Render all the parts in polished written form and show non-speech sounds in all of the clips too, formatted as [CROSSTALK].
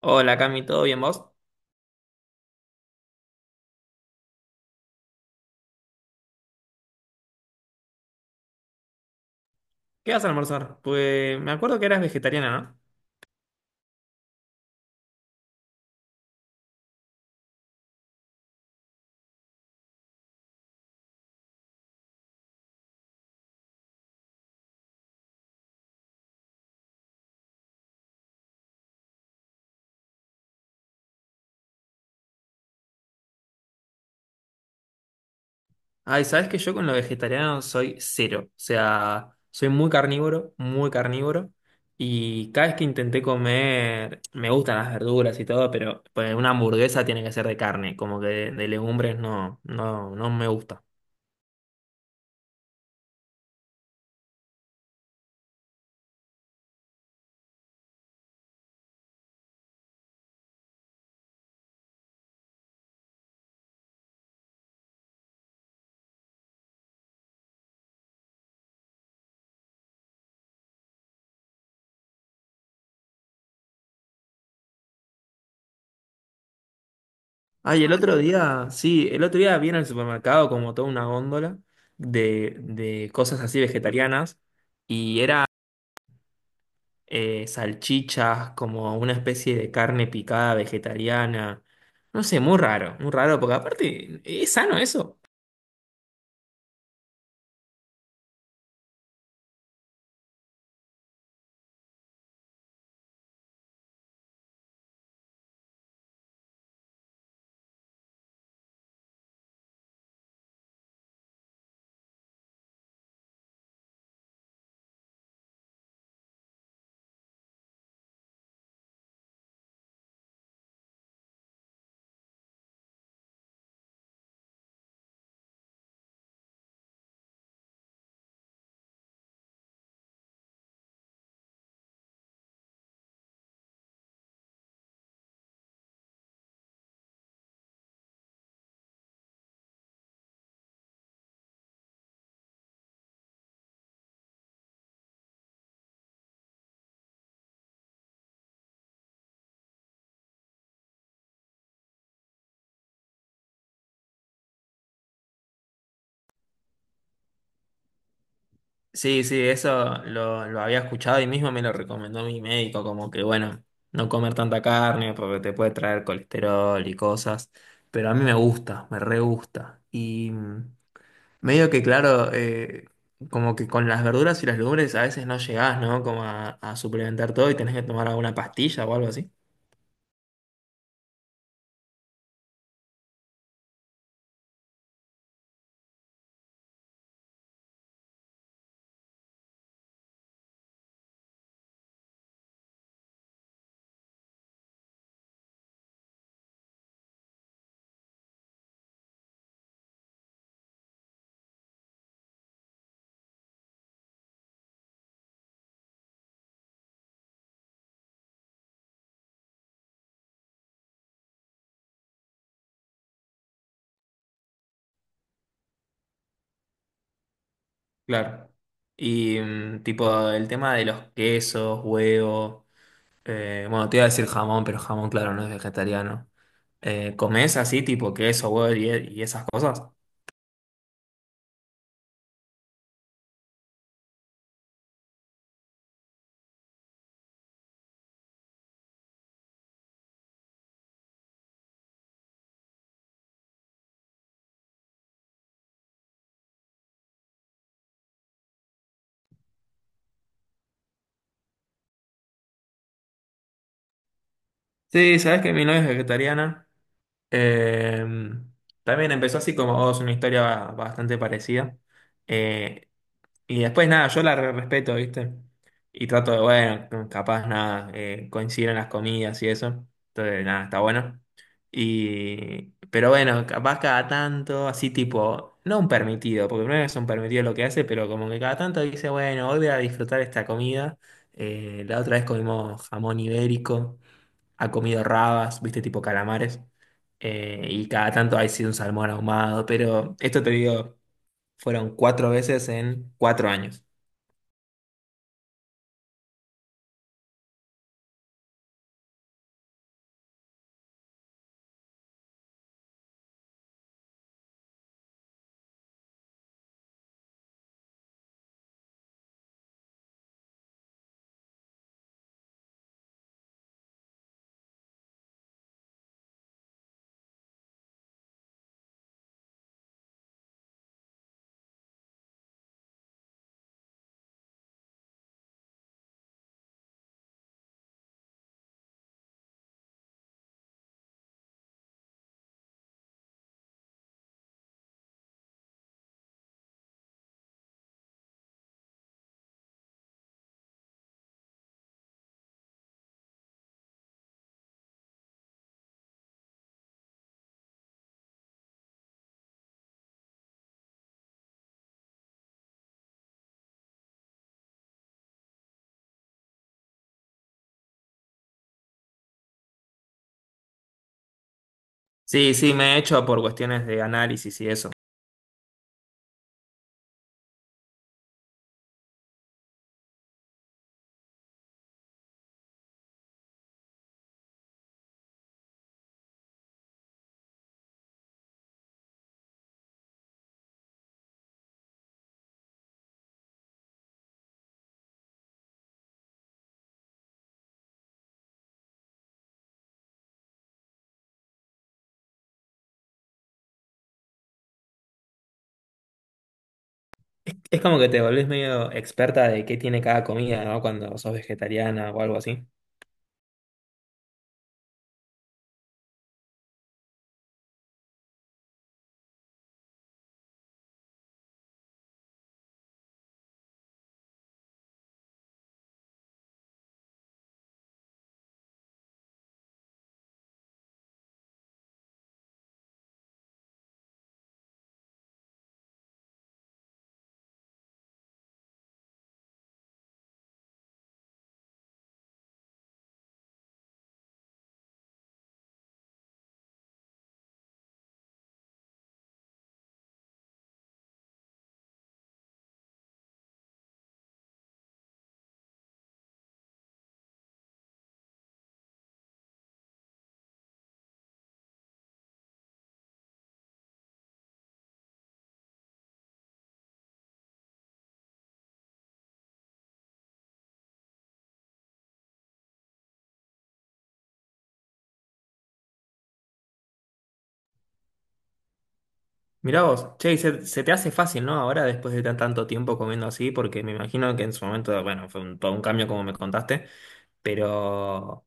Hola Cami, ¿todo bien vos? ¿Qué vas a almorzar? Pues me acuerdo que eras vegetariana, ¿no? Ay, sabes que yo con lo vegetariano soy cero. O sea, soy muy carnívoro, muy carnívoro. Y cada vez que intenté comer, me gustan las verduras y todo, pero pues, una hamburguesa tiene que ser de carne, como que de legumbres no, no, no me gusta. Ay, el otro día, sí, el otro día vi en el supermercado como toda una góndola de cosas así vegetarianas. Y era salchichas, como una especie de carne picada vegetariana. No sé, muy raro, porque aparte, ¿es sano eso? Sí, sí, eso lo había escuchado y mismo me lo recomendó mi médico, como que bueno, no comer tanta carne porque te puede traer colesterol y cosas, pero a mí me gusta, me re gusta. Y medio que claro, como que con las verduras y las legumbres a veces no llegás, ¿no? Como a suplementar todo y tenés que tomar alguna pastilla o algo así. Claro. Y mm, tipo el tema de los quesos, huevos, bueno, te iba a decir jamón, pero jamón, claro, no es vegetariano. ¿Comés así, tipo queso, huevo y esas cosas? Sí, sabes que mi novia es vegetariana. Eh, también empezó así como vos, una historia bastante parecida. Y después nada, yo la respeto, ¿viste? Y trato de, bueno, no, capaz nada, coinciden las comidas y eso. Entonces, nada, está bueno. Y, pero bueno, capaz cada tanto, así tipo, no un permitido, porque no es un permitido lo que hace, pero como que cada tanto dice, bueno, hoy voy a disfrutar esta comida. La otra vez comimos jamón ibérico, ha comido rabas, ¿viste? Tipo calamares. Y cada tanto ha sido un salmón ahumado, pero esto te digo, fueron cuatro veces en cuatro años. Sí, sí, me he hecho por cuestiones de análisis y eso. Es como que te volvés medio experta de qué tiene cada comida, ¿no? Cuando sos vegetariana o algo así. Mirá vos, che, y se te hace fácil, ¿no? Ahora después de tanto tiempo comiendo así, porque me imagino que en su momento, bueno, fue un, todo un cambio como me contaste, pero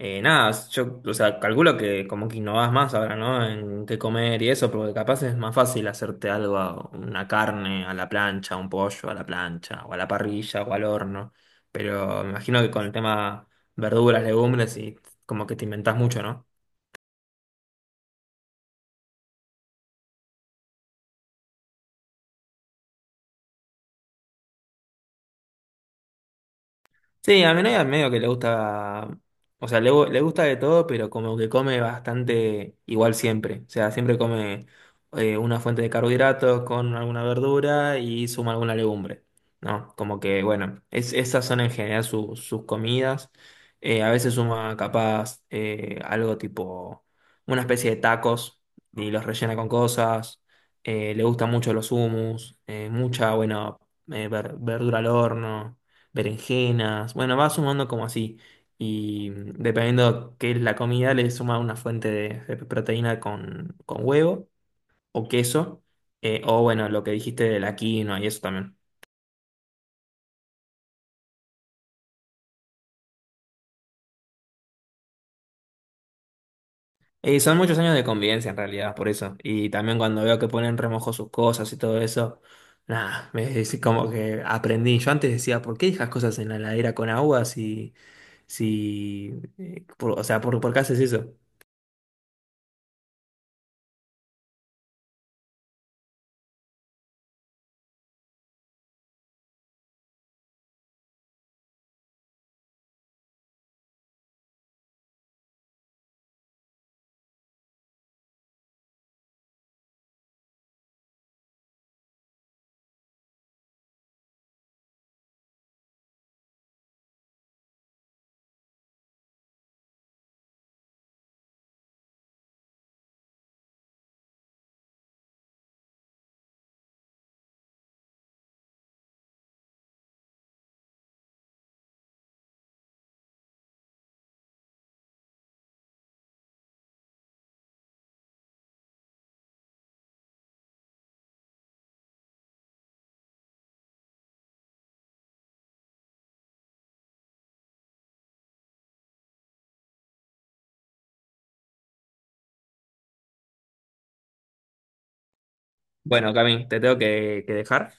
Nada, yo, o sea, calculo que como que innovás más ahora, ¿no? En qué comer y eso, porque capaz es más fácil hacerte algo, una carne a la plancha, un pollo a la plancha, o a la parrilla, o al horno. Pero me imagino que con el tema verduras, legumbres, y como que te inventás mucho, ¿no? Sí, a mi novia medio que le gusta, o sea, le gusta de todo, pero como que come bastante igual siempre. O sea, siempre come una fuente de carbohidratos con alguna verdura y suma alguna legumbre, ¿no? Como que, bueno, es, esas son en general sus comidas. A veces suma capaz algo tipo una especie de tacos y los rellena con cosas. Le gustan mucho los hummus, mucha, bueno, verdura al horno berenjenas, bueno, va sumando como así. Y mm, dependiendo qué es la comida, le suma una fuente de proteína con huevo o queso, o bueno, lo que dijiste de la quinoa y eso también. Y son muchos años de convivencia en realidad, por eso. Y también cuando veo que ponen remojo sus cosas y todo eso, nada, me [LAUGHS] es como que aprendí. Yo antes decía, ¿por qué dejas cosas en la heladera con agua si, si, por- o sea, por qué haces eso? Bueno, Cami, te tengo que dejar.